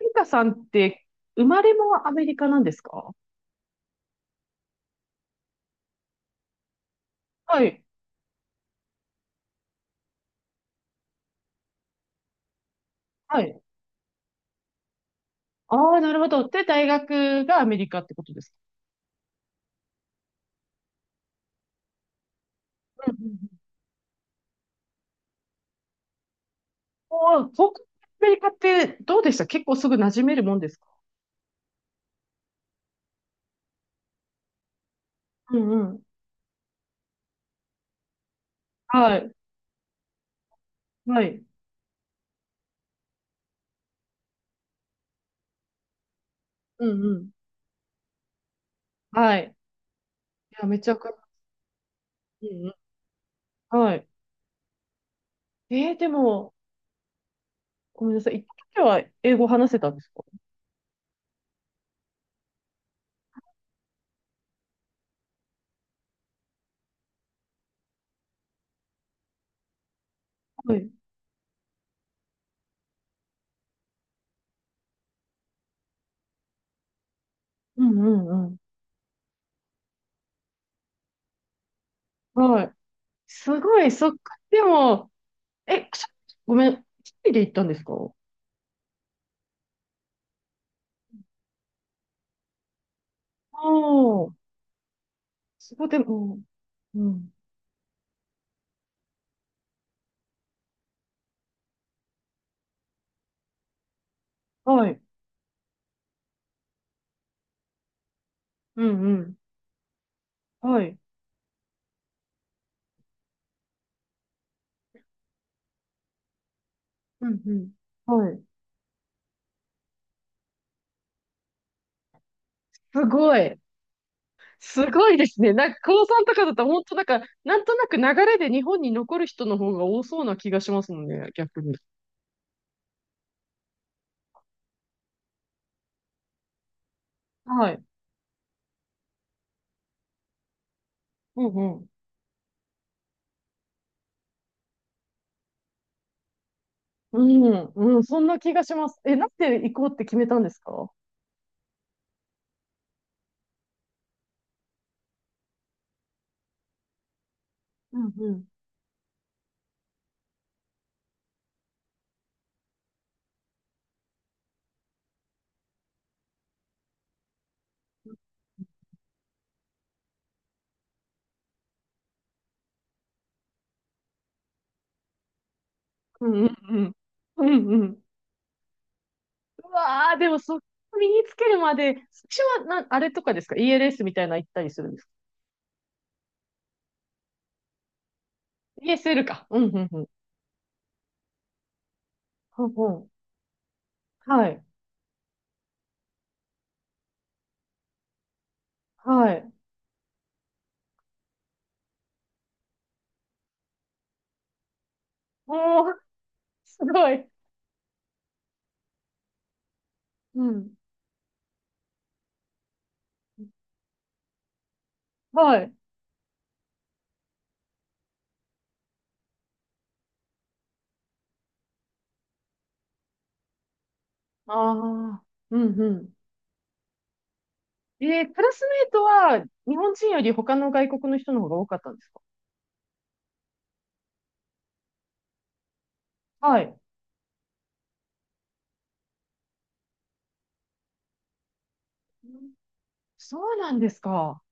リカさんって生まれもアメリカなんですか？はい。はい。ああ、なるほど。で、大学がアメリカってことですか？うんうんうん。おー、僕、アメリカってどうでした？結構すぐ馴染めるもんですか？うんうん。はい。はい。うんうん。はい。いや、めちゃくちゃ。うんうん。はい。でも、ごめんなさい。行った時は英語話せたんですか？はい。うんうんうん。はい。すごい、そっか。でも、え、ごめん。一人で行ったんですか？ああ。そこでも、うん。はい。うんうん。はい。うんうん。はい。すごい。すごいですね。なんか、高3とかだと、本当なんか、なんとなく流れで日本に残る人の方が多そうな気がしますもんね、逆に。はい。うんうん。うん、うん、そんな気がします。え、なんで行こうって決めたんですか？うんうん。うんうんうん。うんうん。うわー、でもそこ身につけるまで、私はな、あれとかですか？ ELS みたいなの行ったりするんですか？ ESL か。うんうんうん。うんうん、はい。はい。おー、すごい。うん。はい。ああ、うんうん。クラスメイトは日本人より他の外国の人の方が多かったんですか？はい。そうなんですか。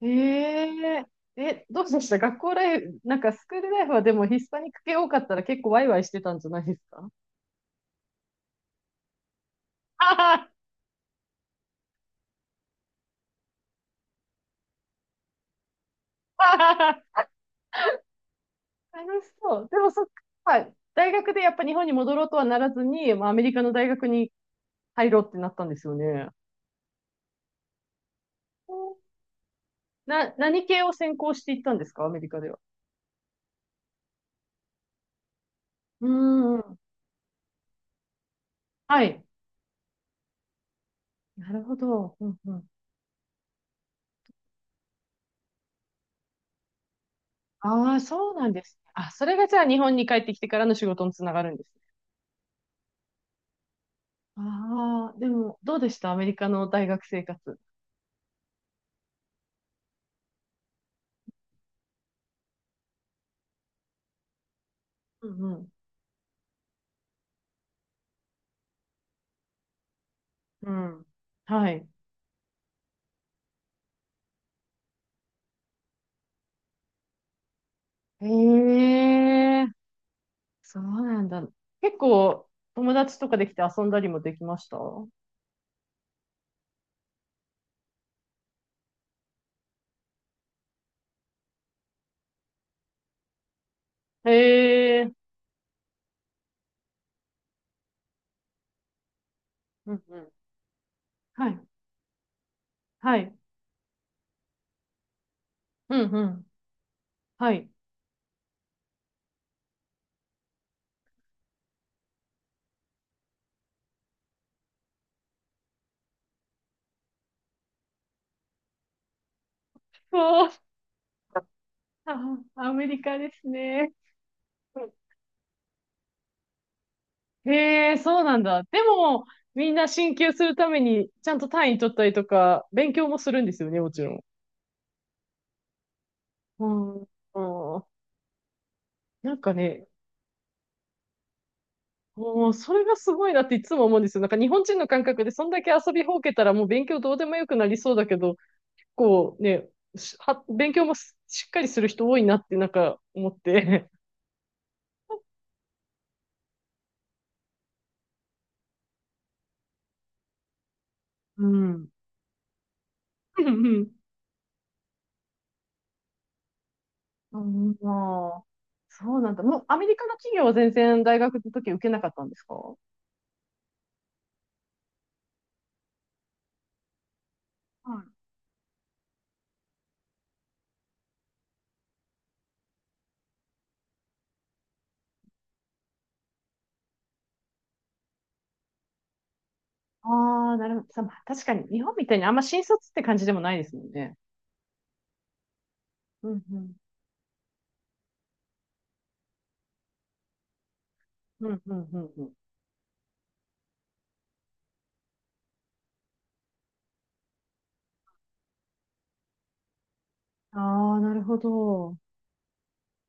えええ、どうでした学校ライフ、なんかスクールライフはでもヒスパニック系多かったら結構ワイワイしてたんじゃないですか？はははは、楽しそう。でもそっか、はい、大学でやっぱ日本に戻ろうとはならずに、まあ、アメリカの大学に入ろうってなったんですよね。何系を専攻していったんですか、アメリカでは？うーん。はい。なるほど。うんうん。ああ、そうなんですね。あ、それがじゃあ日本に帰ってきてからの仕事につながるんですね。ああ、でも、どうでしたアメリカの大学生活？うんうん。うん、はい。へえ、そうなんだ。結構、友達とかできて遊んだりもできました？へえ、うんうん。はい、はい。うんうん。はい。そう、あ、アメリカですね。へえ、そうなんだ。でも、みんな進級するために、ちゃんと単位取ったりとか、勉強もするんですよね、もちろん。うん、うん、なんかね、もう、それがすごいなっていつも思うんですよ。なんか日本人の感覚で、そんだけ遊びほうけたらもう勉強どうでもよくなりそうだけど、こうね、しは、勉強もししっかりする人多いなって、なんか思って。うん。うんうん、まあ、そうなんだ。もう、アメリカの企業は全然大学の時受けなかったんですかは？ああ、なるほど。さまあ、確かに、日本みたいにあんま新卒って感じでもないですもんね。うん、うん。うん、うん、うん、うん。ああ、なるほど。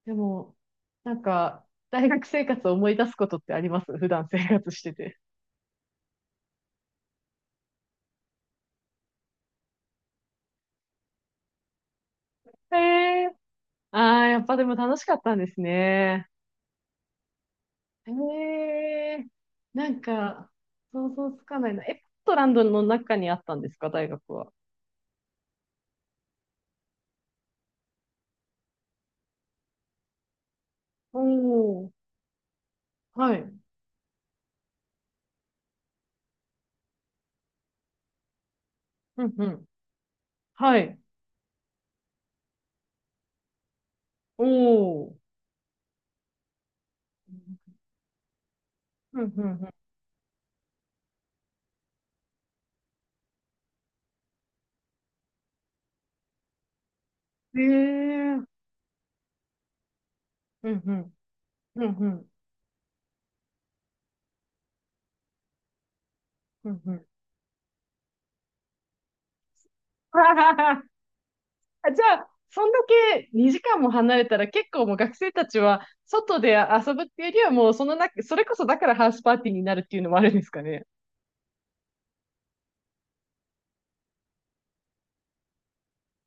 でも、なんか、大学生活を思い出すことってあります？普段生活してて。へえ。ああ、やっぱでも楽しかったんですね。へえ。なんか、想像つかないな。え、ポートランドの中にあったんですか、大学は？おお、はい。うん、うん。はい。おお。うん、うん、うん、ええ、うんうん、うんうん、うんうん。あ、じゃあ、そんだけ2時間も離れたら結構もう学生たちは外で遊ぶっていうよりはもうそのな、それこそだからハウスパーティーになるっていうのもあるんですかね？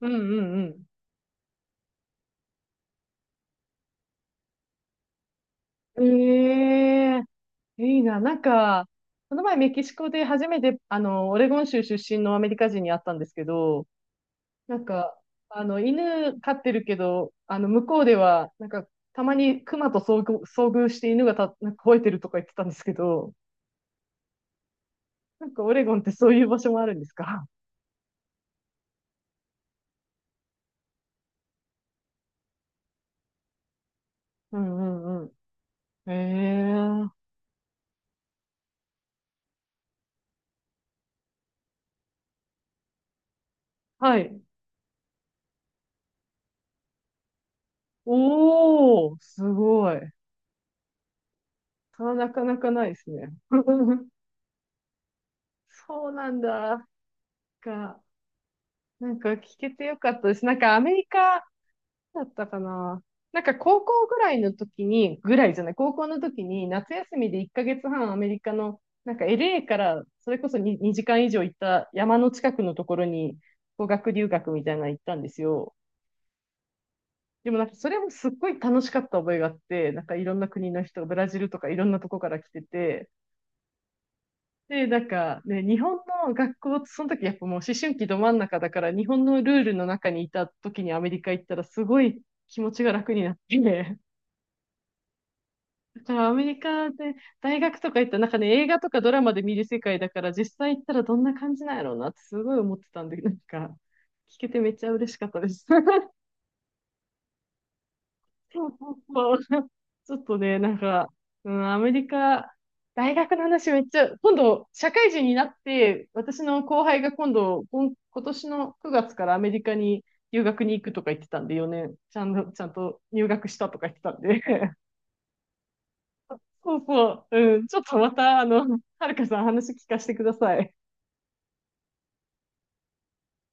うんうんうん。ええ、いいな。なんか、この前メキシコで初めて、オレゴン州出身のアメリカ人に会ったんですけど、なんか、犬飼ってるけど、向こうでは、なんか、たまに熊と遭遇して、犬がた、なんか吠えてるとか言ってたんですけど、なんかオレゴンってそういう場所もあるんですか？ うんうんうん。ええ、はい。おー、すごい。それはなかなかないですね。そうなんだ。か、なんか聞けてよかったです。なんかアメリカだったかな。なんか高校ぐらいの時に、ぐらいじゃない、高校の時に夏休みで1ヶ月半アメリカの、なんか LA からそれこそ 2時間以上行った山の近くのところに語学留学みたいなの行ったんですよ。でもなんかそれもすっごい楽しかった覚えがあって、なんかいろんな国の人、ブラジルとかいろんなとこから来てて、で、なんかね、日本の学校ってその時やっぱもう思春期ど真ん中だから、日本のルールの中にいた時にアメリカ行ったらすごい気持ちが楽になって、だからアメリカで大学とか行ったらなんかね、映画とかドラマで見る世界だから、実際行ったらどんな感じなんやろうなってすごい思ってたんで、なんか聞けてめっちゃ嬉しかったです。そうそうそう、ちょっとねなんか、うん、アメリカ大学の話めっちゃ今度社会人になって、私の後輩が今度、今年の9月からアメリカに留学に行くとか言ってたんで、4年、ちゃんと、ちゃんと入学したとか言ってたんで、そうそう。うん。ちょっとまた、はるかさん話聞かせてください。